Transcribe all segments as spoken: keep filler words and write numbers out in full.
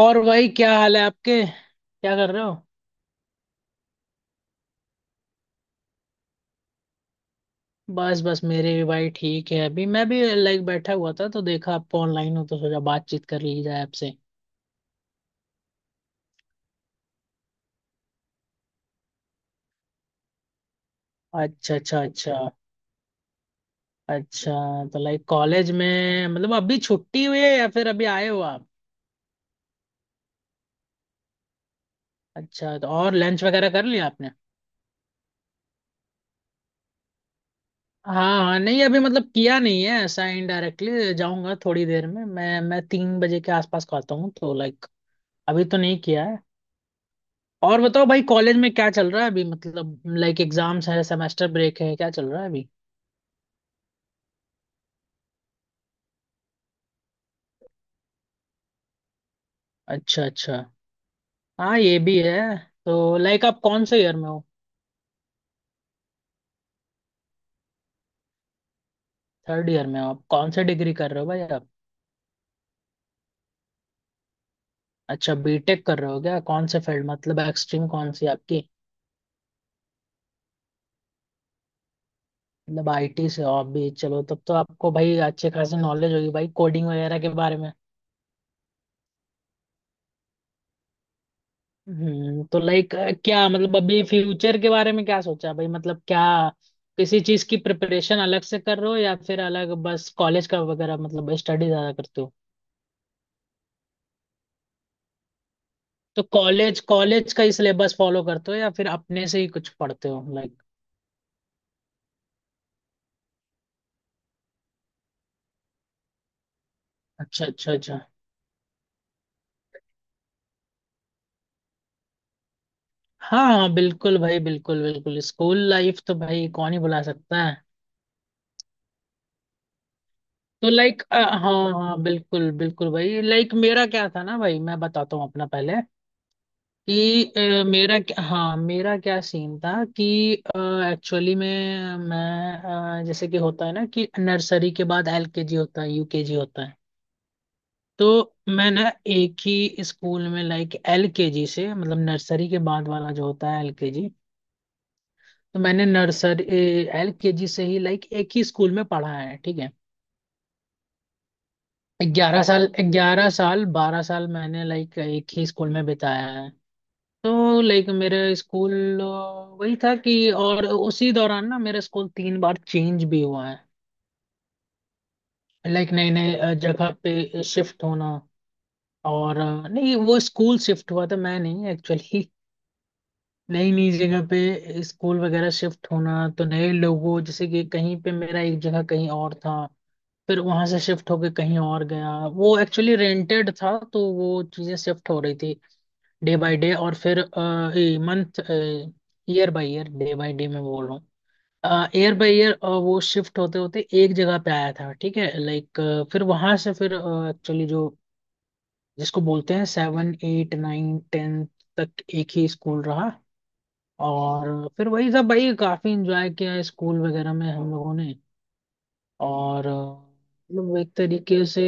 और भाई क्या हाल है आपके, क्या कर रहे हो? बस बस मेरे भी भाई ठीक है। अभी मैं भी लाइक बैठा हुआ था तो देखा आप ऑनलाइन हो तो सोचा बातचीत कर ली जाए आपसे। अच्छा अच्छा अच्छा। अच्छा, तो लाइक कॉलेज में मतलब अभी छुट्टी हुई है या फिर अभी आए हो आप? अच्छा, तो और लंच वगैरह कर लिया आपने? हाँ हाँ, नहीं अभी मतलब किया नहीं है ऐसा। इनडायरेक्टली जाऊंगा थोड़ी देर में, मैं मैं तीन बजे के आसपास खाता हूँ तो लाइक अभी तो नहीं किया है। और बताओ भाई, कॉलेज में क्या चल रहा है अभी? मतलब लाइक एग्जाम्स है, सेमेस्टर ब्रेक है, क्या चल रहा है अभी? अच्छा अच्छा। हाँ ये भी है। तो लाइक आप कौन से ईयर में हो? थर्ड ईयर में हो? आप कौन से डिग्री कर रहे हो भाई आप? अच्छा बीटेक कर रहे हो क्या? कौन से फील्ड, मतलब एक्सट्रीम कौन सी आपकी? मतलब आईटी से हो आप भी? चलो, तब तो आपको भाई अच्छे खासे नॉलेज होगी भाई कोडिंग वगैरह के बारे में। हम्म, तो लाइक क्या मतलब अभी फ्यूचर के बारे में क्या सोचा भाई, मतलब क्या किसी चीज की प्रिपरेशन अलग से कर रहे हो या फिर अलग बस कॉलेज का वगैरह मतलब स्टडी ज्यादा करते हो? तो कॉलेज कॉलेज का ही सिलेबस फॉलो करते हो या फिर अपने से ही कुछ पढ़ते हो लाइक? अच्छा अच्छा अच्छा। हाँ हाँ, बिल्कुल भाई, बिल्कुल बिल्कुल। स्कूल लाइफ तो भाई कौन ही भुला सकता है। तो लाइक हाँ हाँ, बिल्कुल बिल्कुल भाई। लाइक मेरा क्या था ना भाई, मैं बताता हूँ अपना पहले कि अ, मेरा क्या- हाँ मेरा क्या सीन था कि एक्चुअली में मैं अ, जैसे कि होता है ना कि नर्सरी के बाद एल के जी होता है, यू के जी होता है। तो मैं ना एक ही स्कूल में लाइक एल के जी से, मतलब नर्सरी के बाद वाला जो होता है एल के जी, तो मैंने नर्सरी एल के जी से ही लाइक एक ही स्कूल में पढ़ा है, ठीक है। ग्यारह साल, ग्यारह साल बारह साल मैंने लाइक एक ही स्कूल में बिताया है। तो लाइक मेरा स्कूल वही था कि, और उसी दौरान ना मेरा स्कूल तीन बार चेंज भी हुआ है। लाइक नए नए जगह पे शिफ्ट होना। और अ, नहीं, वो स्कूल शिफ्ट हुआ था, मैं नहीं एक्चुअली। नई नई जगह पे स्कूल वगैरह शिफ्ट होना, तो नए लोगों जैसे कि कहीं पे मेरा एक जगह कहीं और था, फिर वहां से शिफ्ट होके कहीं और गया। वो एक्चुअली रेंटेड था तो वो चीजें शिफ्ट हो रही थी डे बाय डे, और फिर month, year by year. Day by day मैं बोल रहा हूँ, ईयर बाय ईयर। वो शिफ्ट होते होते एक जगह पे आया था, ठीक है। लाइक फिर वहां से फिर एक्चुअली जो जिसको बोलते हैं सेवन एट नाइन टेन तक एक ही स्कूल रहा। और फिर वही सब भाई, काफी इंजॉय किया स्कूल वगैरह में हम लोगों ने। और अ, मतलब एक तरीके से।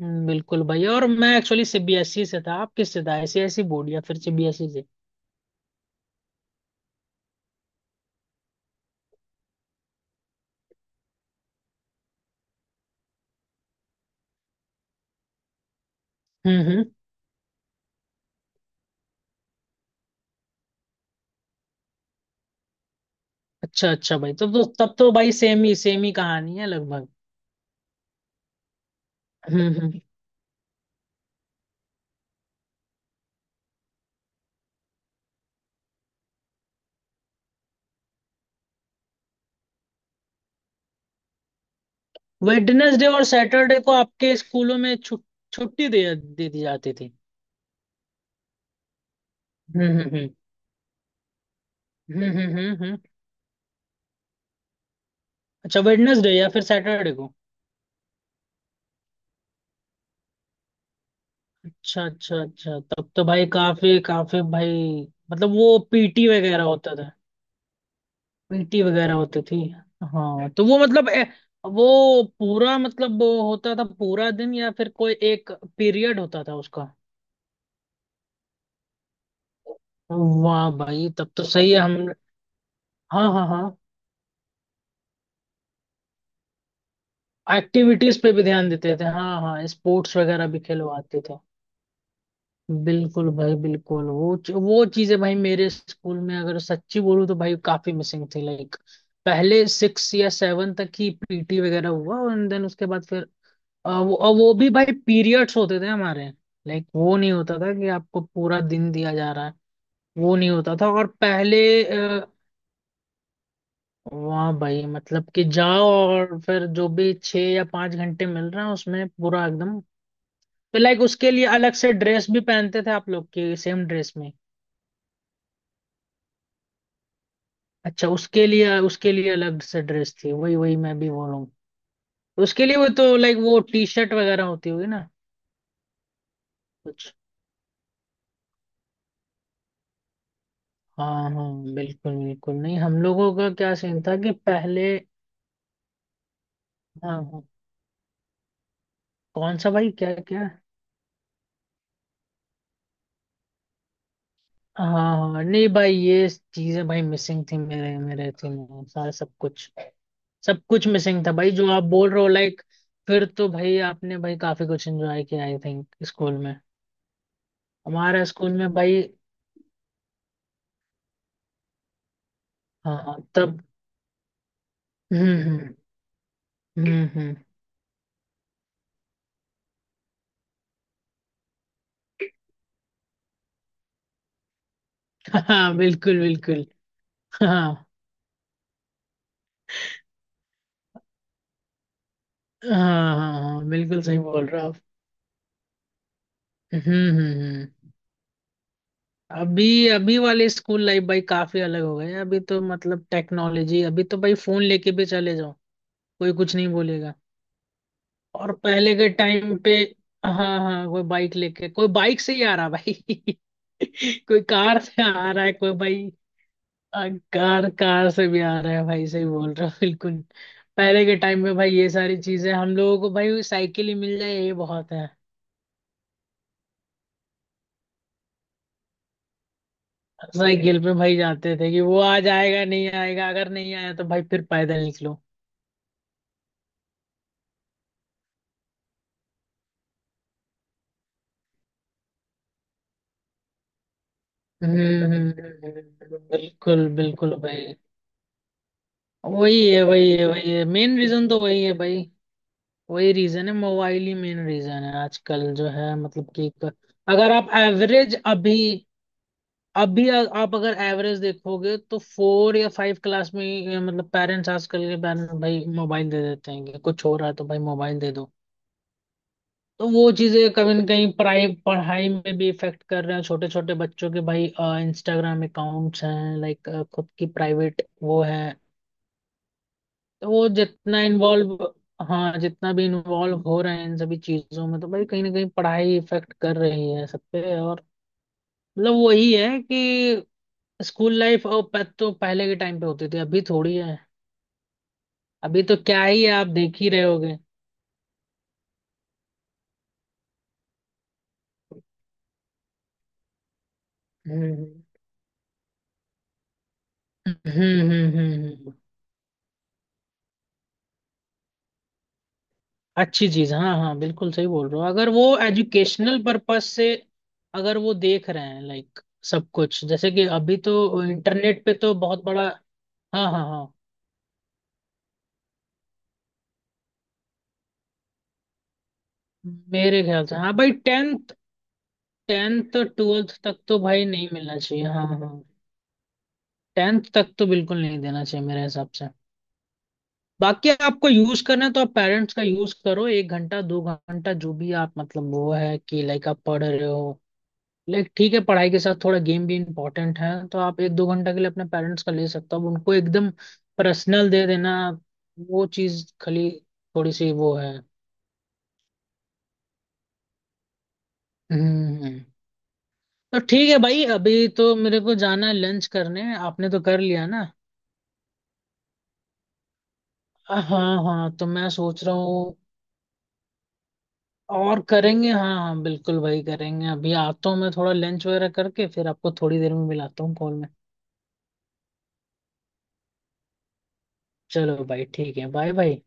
हम्म, बिल्कुल भाई। और मैं actually C B S E से था, आप किससे था, आई सी आई सी बोर्ड या फिर सी बी एस ई से? हम्म हम्म। अच्छा अच्छा भाई, तब तो तब तो भाई सेम ही सेम ही कहानी है लगभग। हम्म हम्म। वेडनेसडे और सैटरडे को आपके स्कूलों में छु, छुट्टी दे दे दी जाती थी? हम्म हम्म हम्म। हम्म हम्म हम्म, हम्म। अच्छा, वेडनेसडे या फिर सैटरडे को? अच्छा अच्छा अच्छा, तब तो भाई काफी काफी भाई। मतलब वो पी टी वगैरह होता था? पीटी वगैरह होती थी? हाँ तो वो मतलब ए, वो पूरा मतलब वो होता था पूरा दिन या फिर कोई एक पीरियड होता था उसका? वाह भाई तब तो सही है। हम हाँ हाँ हाँ, एक्टिविटीज पे भी ध्यान देते थे, हाँ हाँ, स्पोर्ट्स वगैरह भी खिलवाते थे। बिल्कुल भाई बिल्कुल। वो च- वो चीजें भाई मेरे स्कूल में अगर सच्ची बोलूँ तो भाई काफी मिसिंग थी लाइक। पहले सिक्स या सेवन तक ही पी टी वगैरह हुआ, एंड देन उसके बाद फिर अ, वो अ, वो भी भाई पीरियड्स होते थे हमारे, लाइक वो नहीं होता था कि आपको पूरा दिन दिया जा रहा है। वो नहीं होता था। और पहले अ, वाह भाई, मतलब कि जाओ और फिर जो भी छह या पांच घंटे मिल रहे हैं उसमें पूरा एकदम। तो लाइक उसके लिए अलग से ड्रेस भी पहनते थे आप लोग? की सेम ड्रेस में? अच्छा, उसके लिए उसके लिए अलग से ड्रेस थी। वही वही मैं भी बोलूँ। उसके लिए वो तो लाइक वो टी शर्ट वगैरह होती होगी ना कुछ। हाँ हाँ बिल्कुल बिल्कुल। नहीं, हम लोगों का क्या सीन था कि पहले हाँ हाँ। कौन सा भाई, क्या क्या? हाँ हाँ, नहीं भाई ये चीजें भाई मिसिंग थी मेरे मेरे थी मेरे सारा सब कुछ, सब कुछ मिसिंग था भाई जो आप बोल रहे हो लाइक। फिर तो भाई आपने भाई काफी कुछ एंजॉय किया आई थिंक स्कूल, हमारा स्कूल में भाई। हाँ तब। हम्म हम्म हम्म हम्म, हाँ बिल्कुल बिल्कुल। हाँ हाँ हाँ, हाँ, बिल्कुल सही बोल रहे हो आप। हम्म हम्म हम्म। अभी अभी वाले स्कूल लाइफ भाई काफी अलग हो गए हैं। अभी तो मतलब टेक्नोलॉजी, अभी तो भाई फोन लेके भी चले जाओ कोई कुछ नहीं बोलेगा। और पहले के टाइम पे हाँ हाँ, कोई बाइक लेके, कोई बाइक से ही आ रहा भाई कोई कार से आ रहा है कोई भाई। आ, कार, कार से भी आ रहा है भाई, सही बोल रहा हो बिल्कुल। पहले के टाइम में भाई ये सारी चीजें हम लोगों को भाई साइकिल ही मिल जाए ये बहुत है। साइकिल पे भाई जाते थे कि वो आज आएगा नहीं आएगा, अगर नहीं आया तो भाई फिर पैदल निकलो। हम्म हम्म, हम्म, बिल्कुल बिल्कुल भाई। वही है वही है वही है, मेन रीजन तो वही है भाई। वही रीजन है, मोबाइल ही मेन रीजन है आजकल जो है मतलब कि एक- अगर आप एवरेज अभी, अभी आ- आप अगर एवरेज देखोगे तो फोर या फाइव क्लास में ही, अ, मतलब पेरेंट्स, आजकल के पेरेंट्स भाई मोबाइल दे देते हैं कि कुछ हो रहा है तो भाई मोबाइल दे दो। तो वो चीजें कभी ना कहीं पढ़ाई, पढ़ाई में भी इफेक्ट कर रहे हैं छोटे छोटे बच्चों के भाई। इंस्टाग्राम अकाउंट्स हैं लाइक, खुद की प्राइवेट वो है। तो वो जितना इन्वॉल्व, हाँ जितना भी इन्वॉल्व हो रहे हैं इन सभी चीजों में तो भाई कहीं ना कहीं पढ़ाई इफेक्ट कर रही है सब पे। और मतलब वही है कि स्कूल लाइफ और प- तो पहले के टाइम पे होती थी, अभी थोड़ी है। अभी तो क्या ही है, आप देख ही रहे होगे। हम्म हम्म हम्म हम्म, हम्म। अच्छी चीज, हाँ हाँ बिल्कुल सही बोल रहे हो, अगर वो एजुकेशनल पर्पस से, अगर वो देख रहे हैं लाइक, सब कुछ जैसे कि अभी तो इंटरनेट पे तो बहुत बड़ा। हाँ हाँ हाँ। मेरे ख्याल से हाँ भाई, टेंथ टेंथ ट्वेल्थ तक तो भाई नहीं मिलना चाहिए, हाँ हाँ। टेंथ तक तो बिल्कुल नहीं देना चाहिए मेरे हिसाब से। बाकी आपको यूज करना है तो आप पेरेंट्स का यूज करो, एक घंटा दो घंटा, जो भी आप मतलब वो है कि लाइक आप पढ़ रहे हो, लाइक ठीक है पढ़ाई के साथ थोड़ा गेम भी इम्पोर्टेंट है, तो आप एक दो घंटा के लिए अपने पेरेंट्स का ले सकते हो। अब उनको एकदम पर्सनल दे देना वो चीज खाली थोड़ी सी वो है। हम्म। तो ठीक है भाई, अभी तो मेरे को जाना है लंच करने, आपने तो कर लिया ना? हाँ हाँ। तो मैं सोच रहा हूँ, और करेंगे हाँ हाँ, बिल्कुल भाई करेंगे। अभी आता हूँ मैं थोड़ा लंच वगैरह करके, फिर आपको थोड़ी देर में मिलाता हूँ कॉल में। चलो भाई ठीक है, बाय भाई।